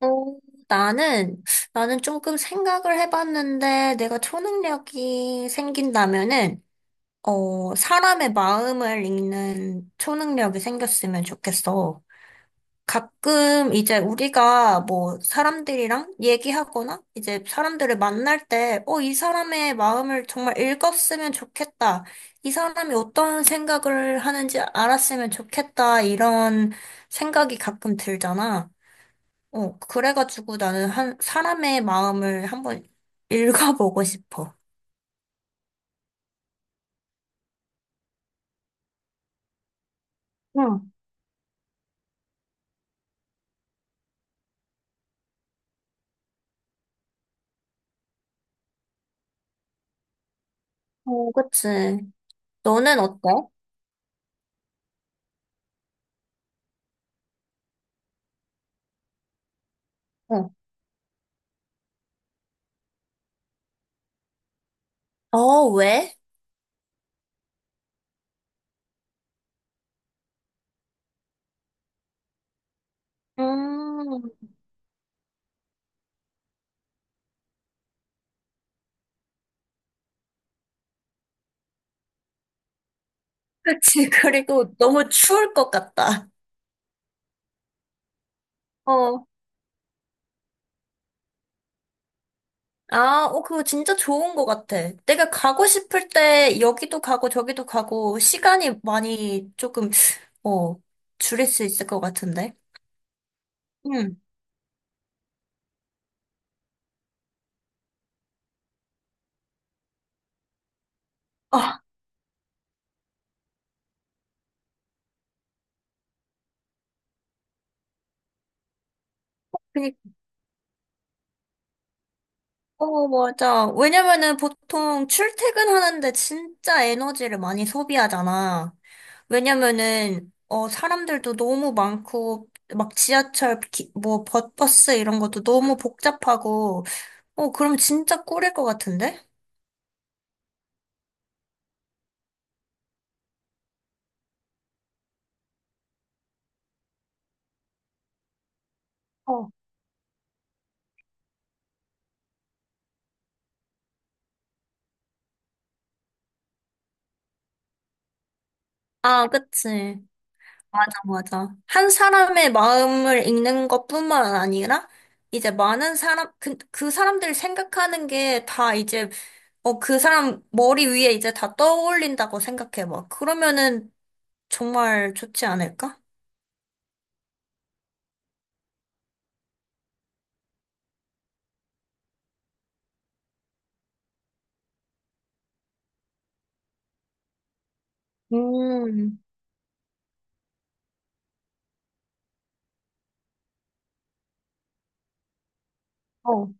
어, 나는, 나는 조금 생각을 해봤는데, 내가 초능력이 생긴다면은, 사람의 마음을 읽는 초능력이 생겼으면 좋겠어. 가끔 이제 우리가 뭐 사람들이랑 얘기하거나, 이제 사람들을 만날 때, 이 사람의 마음을 정말 읽었으면 좋겠다. 이 사람이 어떤 생각을 하는지 알았으면 좋겠다. 이런 생각이 가끔 들잖아. 그래가지고 나는 한, 사람의 마음을 한번 읽어보고 싶어. 응, 어, 그치. 너는 어때? 어. 어, 왜? 음, 그치. 그리고 너무 추울 것 같다. 어. 아, 그거 진짜 좋은 것 같아. 내가 가고 싶을 때 여기도 가고 저기도 가고 시간이 많이 조금, 어, 줄일 수 있을 것 같은데. 응. 아, 그니까. 어, 맞아. 왜냐면은 보통 출퇴근하는데 진짜 에너지를 많이 소비하잖아. 왜냐면은, 사람들도 너무 많고, 막 지하철, 뭐, 버스 이런 것도 너무 복잡하고, 그럼 진짜 꿀일 것 같은데? 어, 아, 그치. 맞아, 맞아. 한 사람의 마음을 읽는 것뿐만 아니라, 이제 많은 사람, 그 사람들 생각하는 게 다 이제, 그 사람 머리 위에 이제 다 떠올린다고 생각해 봐. 그러면은 정말 좋지 않을까? 음, 어,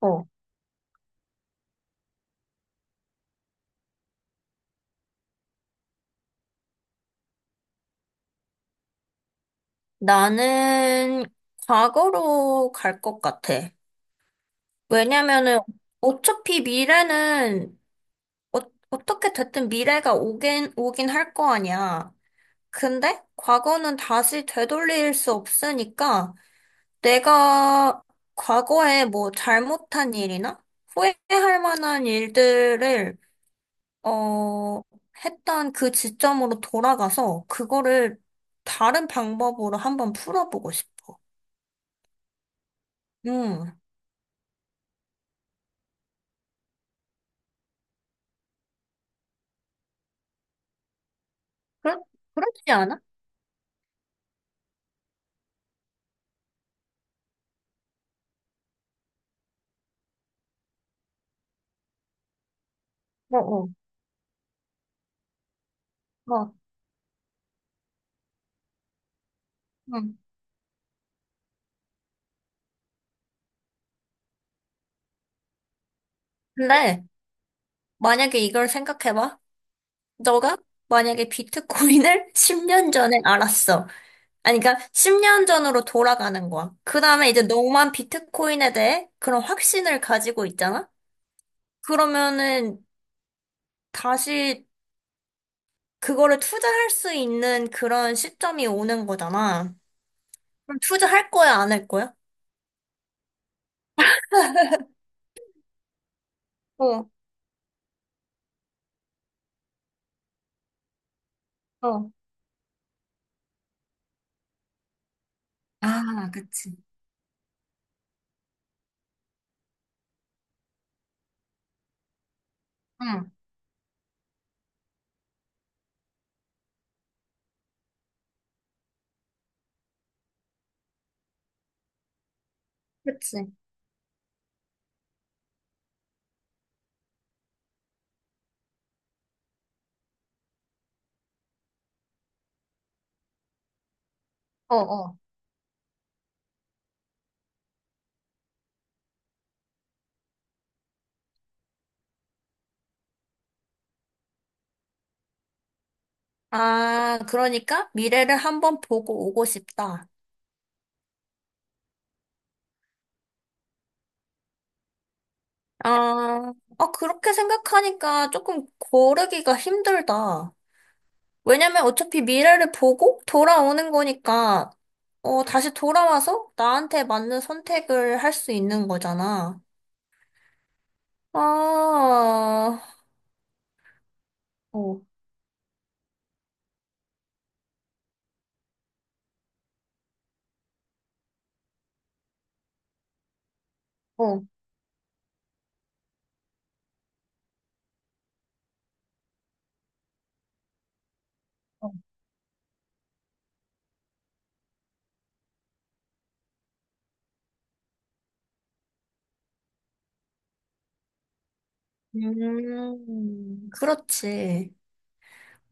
어. 나는 과거로 갈 것 같아. 왜냐면은 어차피 미래는, 어, 어떻게 됐든 미래가 오긴 할 거 아니야. 근데 과거는 다시 되돌릴 수 없으니까 내가 과거에 뭐 잘못한 일이나 후회할 만한 일들을 어 했던 그 지점으로 돌아가서 그거를 다른 방법으로 한번 풀어보고 싶어. 음. 그렇 그렇지 않아? 어, 어, 어. 음. 근데 만약에 이걸 생각해봐. 너가 만약에 비트코인을 10년 전에 알았어. 아니, 그러니까 10년 전으로 돌아가는 거야. 그 다음에 이제 너만 비트코인에 대해 그런 확신을 가지고 있잖아? 그러면은 다시 그거를 투자할 수 있는 그런 시점이 오는 거잖아. 그럼 투자할 거야, 안 할 거야? 어, 어. 아, 그치. 응, 그치. 어, 어. 아, 그러니까 미래를 한번 보고 오고 싶다. 아, 아, 그렇게 생각하니까 조금 고르기가 힘들다. 왜냐면 어차피 미래를 보고 돌아오는 거니까, 다시 돌아와서 나한테 맞는 선택을 할 수 있는 거잖아. 아, 어, 어. 어. 그렇지.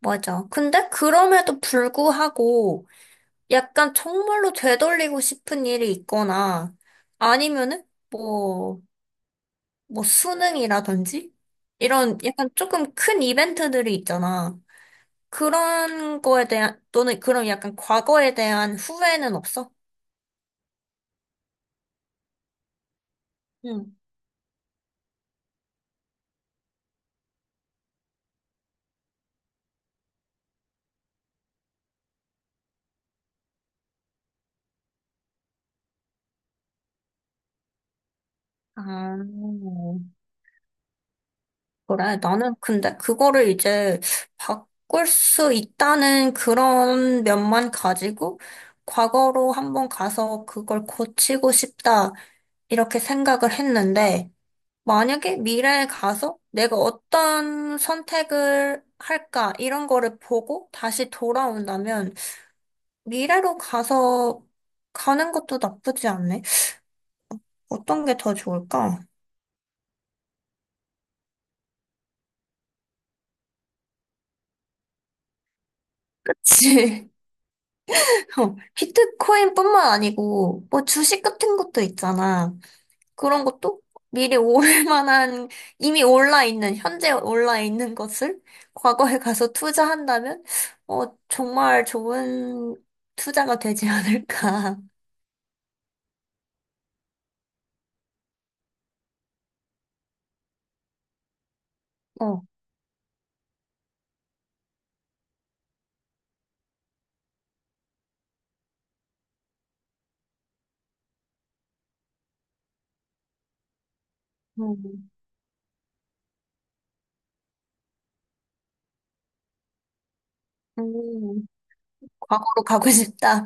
맞아. 근데 그럼에도 불구하고 약간 정말로 되돌리고 싶은 일이 있거나 아니면은 뭐, 뭐 수능이라든지 이런 약간 조금 큰 이벤트들이 있잖아. 그런 거에 대한, 또는 그런 약간 과거에 대한 후회는 없어? 응. 아, 그래. 나는 근데 그거를 이제 바꿀 수 있다는 그런 면만 가지고 과거로 한번 가서 그걸 고치고 싶다. 이렇게 생각을 했는데, 만약에 미래에 가서 내가 어떤 선택을 할까, 이런 거를 보고 다시 돌아온다면, 미래로 가서 가는 것도 나쁘지 않네. 어떤 게 더 좋을까? 그치. 비트코인뿐만 아니고 뭐 주식 같은 것도 있잖아. 그런 것도 미리 올 만한 이미 올라 있는 현재 올라 있는 것을 과거에 가서 투자한다면 정말 좋은 투자가 되지 않을까. 어. 음, 음, 과거로 가고 싶다.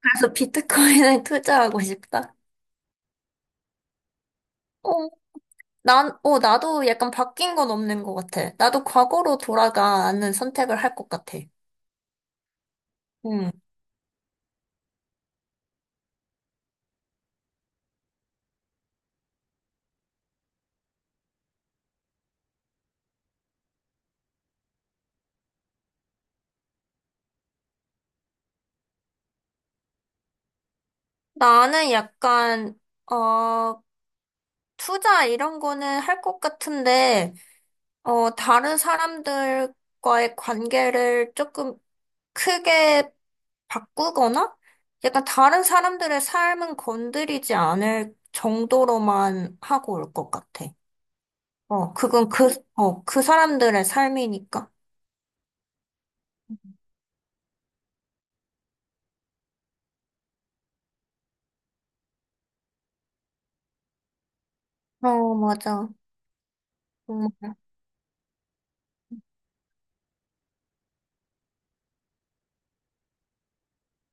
그래서 비트코인에 투자하고 싶다. 어, 나도 약간 바뀐 건 없는 것 같아. 나도 과거로 돌아가는 선택을 할 것 같아. 음. 나는 약간, 어, 투자 이런 거는 할 것 같은데, 다른 사람들과의 관계를 조금 크게 바꾸거나, 약간 다른 사람들의 삶은 건드리지 않을 정도로만 하고 올 것 같아. 그건 그 사람들의 삶이니까. 어, 맞아.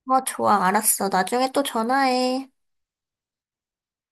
어, 좋아, 알았어. 나중에 또 전화해.